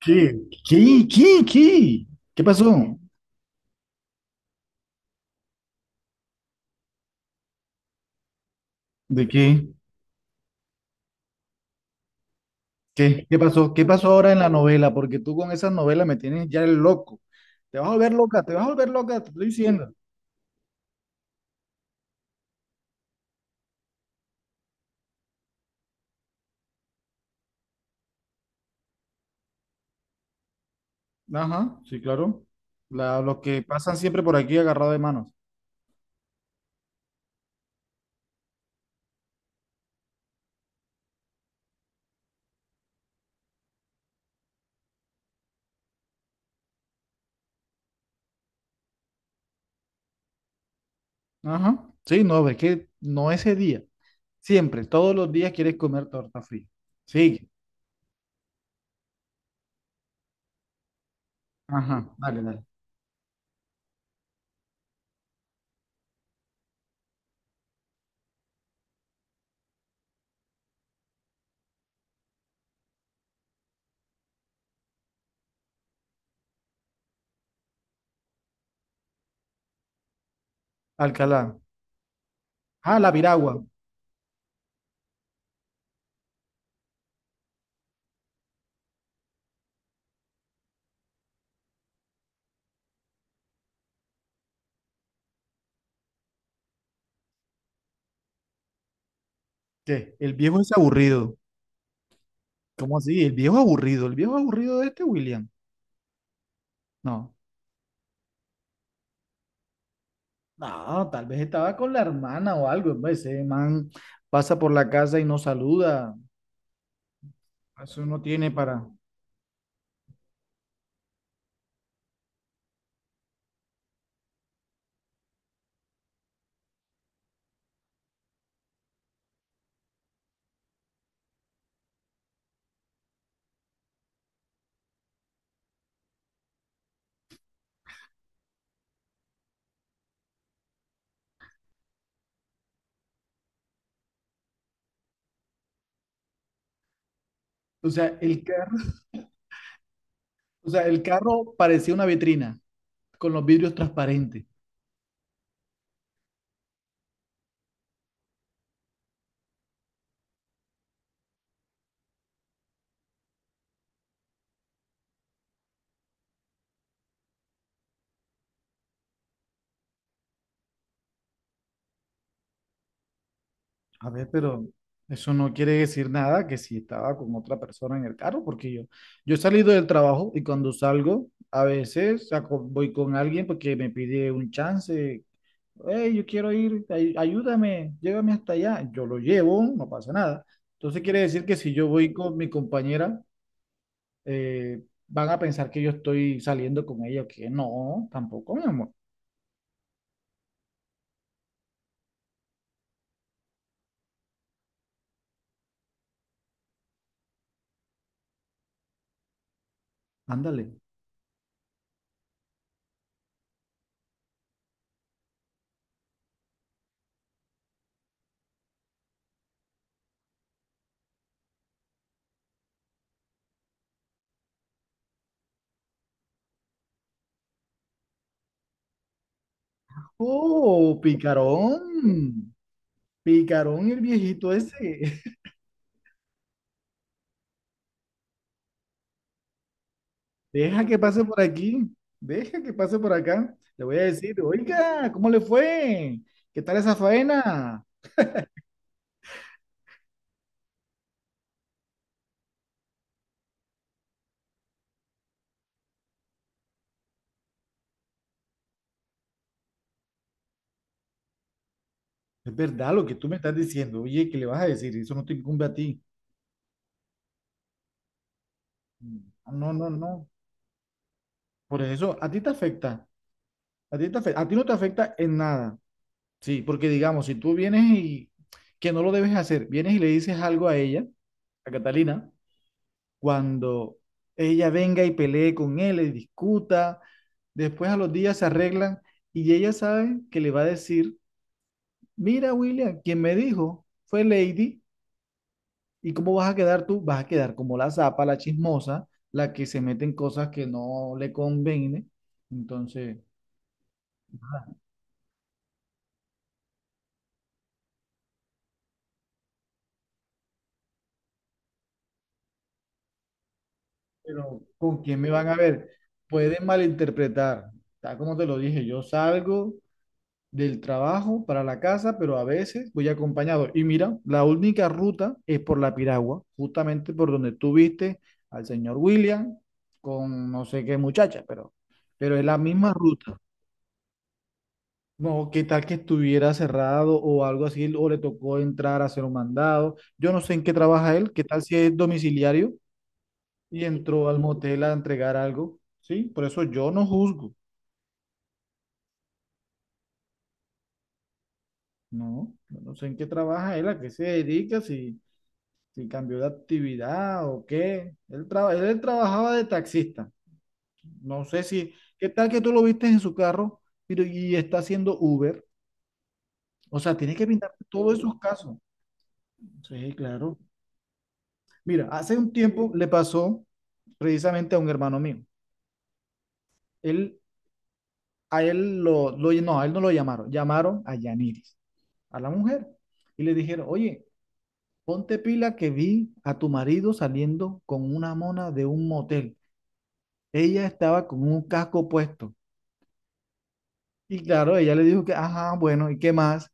¿Qué? ¿Qué? ¿Qué? ¿Qué? ¿Qué pasó? ¿De qué? ¿Qué? ¿Qué pasó? ¿Qué pasó ahora en la novela? Porque tú con esas novelas me tienes ya el loco. Te vas a volver loca, te vas a volver loca, te estoy diciendo. Ajá, sí, claro. Los que pasan siempre por aquí agarrados de manos. Ajá. Sí, no, es que no ese día. Siempre, todos los días quieres comer torta fría. Sí. Ajá, dale, dale. Alcalá. Ah, la piragua. ¿Qué? El viejo es aburrido. ¿Cómo así? El viejo aburrido. El viejo aburrido de este William. No. No, tal vez estaba con la hermana o algo, hombre. Ese man pasa por la casa y no saluda. Eso no tiene para. O sea, el carro, o sea, el carro parecía una vitrina con los vidrios transparentes. A ver, pero eso no quiere decir nada que si estaba con otra persona en el carro, porque yo he salido del trabajo y cuando salgo, a veces voy con alguien porque me pide un chance. Hey, yo quiero ir, ayúdame, llévame hasta allá. Yo lo llevo, no pasa nada. Entonces quiere decir que si yo voy con mi compañera, eh, van a pensar que yo estoy saliendo con ella, que no, tampoco, mi amor. Ándale. Oh, picarón, picarón el viejito ese. Deja que pase por aquí, deja que pase por acá. Le voy a decir, oiga, ¿cómo le fue? ¿Qué tal esa faena? Es verdad lo que tú me estás diciendo. Oye, ¿qué le vas a decir? Eso no te incumbe a ti. No, no, no. Por eso, a ti te afecta. A ti te afecta. A ti no te afecta en nada. Sí, porque digamos, si tú vienes y, que no lo debes hacer, vienes y le dices algo a ella, a Catalina, cuando ella venga y pelee con él, y discuta, después a los días se arreglan y ella sabe que le va a decir, mira, William, quien me dijo fue Lady, ¿y cómo vas a quedar tú? Vas a quedar como la zapa, la chismosa, la que se mete en cosas que no le conviene. Entonces... Pero ¿con quién me van a ver? Pueden malinterpretar. Tal como te lo dije, yo salgo del trabajo para la casa, pero a veces voy acompañado. Y mira, la única ruta es por la Piragua, justamente por donde tú viste al señor William con no sé qué muchacha, pero es la misma ruta. No, qué tal que estuviera cerrado o algo así, o le tocó entrar a hacer un mandado. Yo no sé en qué trabaja él, qué tal si es domiciliario. Y entró al motel a entregar algo, ¿sí? Por eso yo no juzgo, ¿no? Yo no sé en qué trabaja él, a qué se dedica, si, si cambió de actividad o qué. Él, él trabajaba de taxista. No sé si, ¿qué tal que tú lo viste en su carro pero, y está haciendo Uber? O sea, tienes que pintar todos esos casos. Sí, claro. Mira, hace un tiempo le pasó precisamente a un hermano mío. Él, a él lo, no, a él no lo llamaron, llamaron a Yaniris, a la mujer, y le dijeron, oye, ponte pila que vi a tu marido saliendo con una mona de un motel. Ella estaba con un casco puesto. Y claro, ella le dijo que, ajá, bueno, ¿y qué más?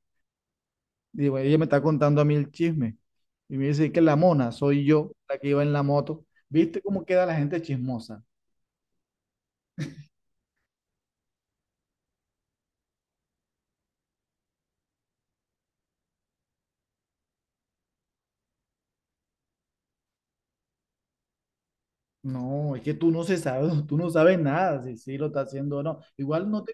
Y bueno, ella me está contando a mí el chisme. Y me dice que la mona soy yo, la que iba en la moto. ¿Viste cómo queda la gente chismosa? No, es que tú no se sabes, tú no sabes nada si, sí lo está haciendo o no. Igual no te.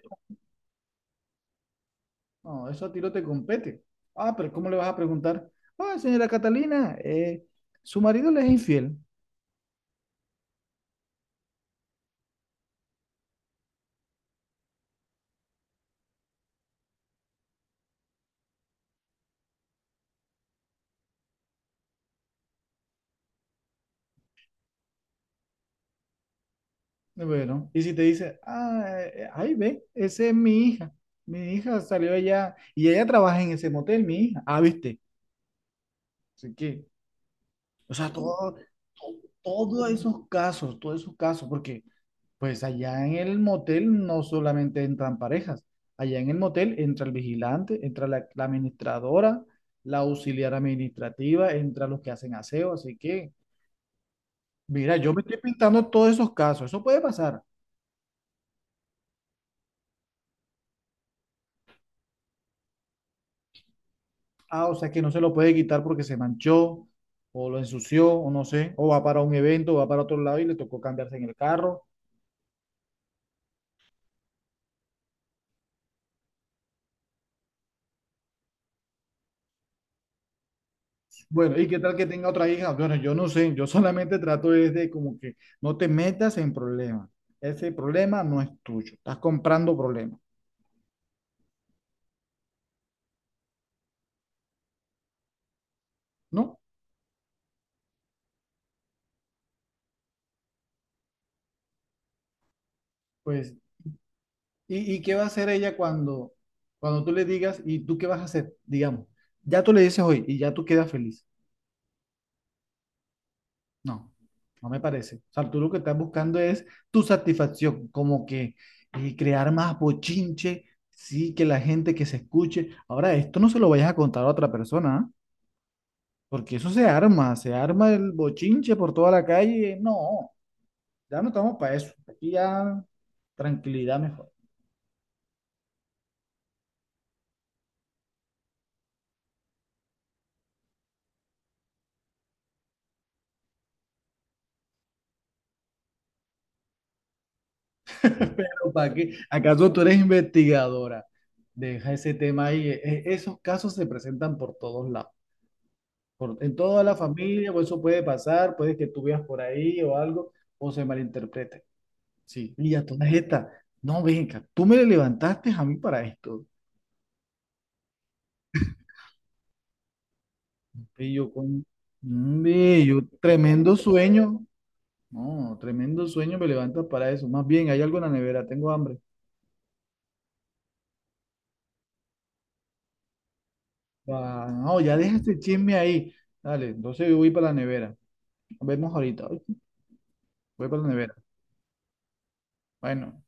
No, eso a ti no te compete. Ah, pero ¿cómo le vas a preguntar? Ah, señora Catalina, su marido le es infiel. Bueno, y si te dice, ah, ahí ve, esa es mi hija. Mi hija salió allá y ella trabaja en ese motel, mi hija. Ah, viste. Así que, o sea, todos esos casos, porque pues allá en el motel no solamente entran parejas, allá en el motel entra el vigilante, entra la administradora, la auxiliar administrativa, entra los que hacen aseo, así que, mira, yo me estoy pintando todos esos casos, eso puede pasar. Ah, o sea que no se lo puede quitar porque se manchó, o lo ensució, o no sé, o va para un evento, o va para otro lado y le tocó cambiarse en el carro. Bueno, ¿y qué tal que tenga otra hija? Bueno, yo no sé, yo solamente trato es de como que no te metas en problemas. Ese problema no es tuyo, estás comprando problemas, ¿no? Pues, y qué va a hacer ella cuando, cuando tú le digas? ¿Y tú qué vas a hacer? Digamos, ya tú le dices hoy y ya tú quedas feliz. No, no me parece. O sea, tú lo que estás buscando es tu satisfacción, como que y crear más bochinche, sí, que la gente que se escuche. Ahora, esto no se lo vayas a contar a otra persona, ¿ah? Porque eso se arma el bochinche por toda la calle. No, ya no estamos para eso. Aquí ya tranquilidad mejor. Pero ¿para qué? ¿Acaso tú eres investigadora? Deja ese tema ahí. Esos casos se presentan por todos lados. En toda la familia, o eso puede pasar, puede que tú veas por ahí o algo, o se malinterprete. Sí, y a todas estas, no venga, tú me levantaste a mí para esto. Y yo con, Mm, y yo tremendo sueño. No, tremendo sueño me levanta para eso. Más bien, hay algo en la nevera, tengo hambre. Ah, no, ya deja este chisme ahí. Dale, entonces yo voy para la nevera. Nos vemos ahorita. ¿Oíste? Voy para la nevera. Bueno.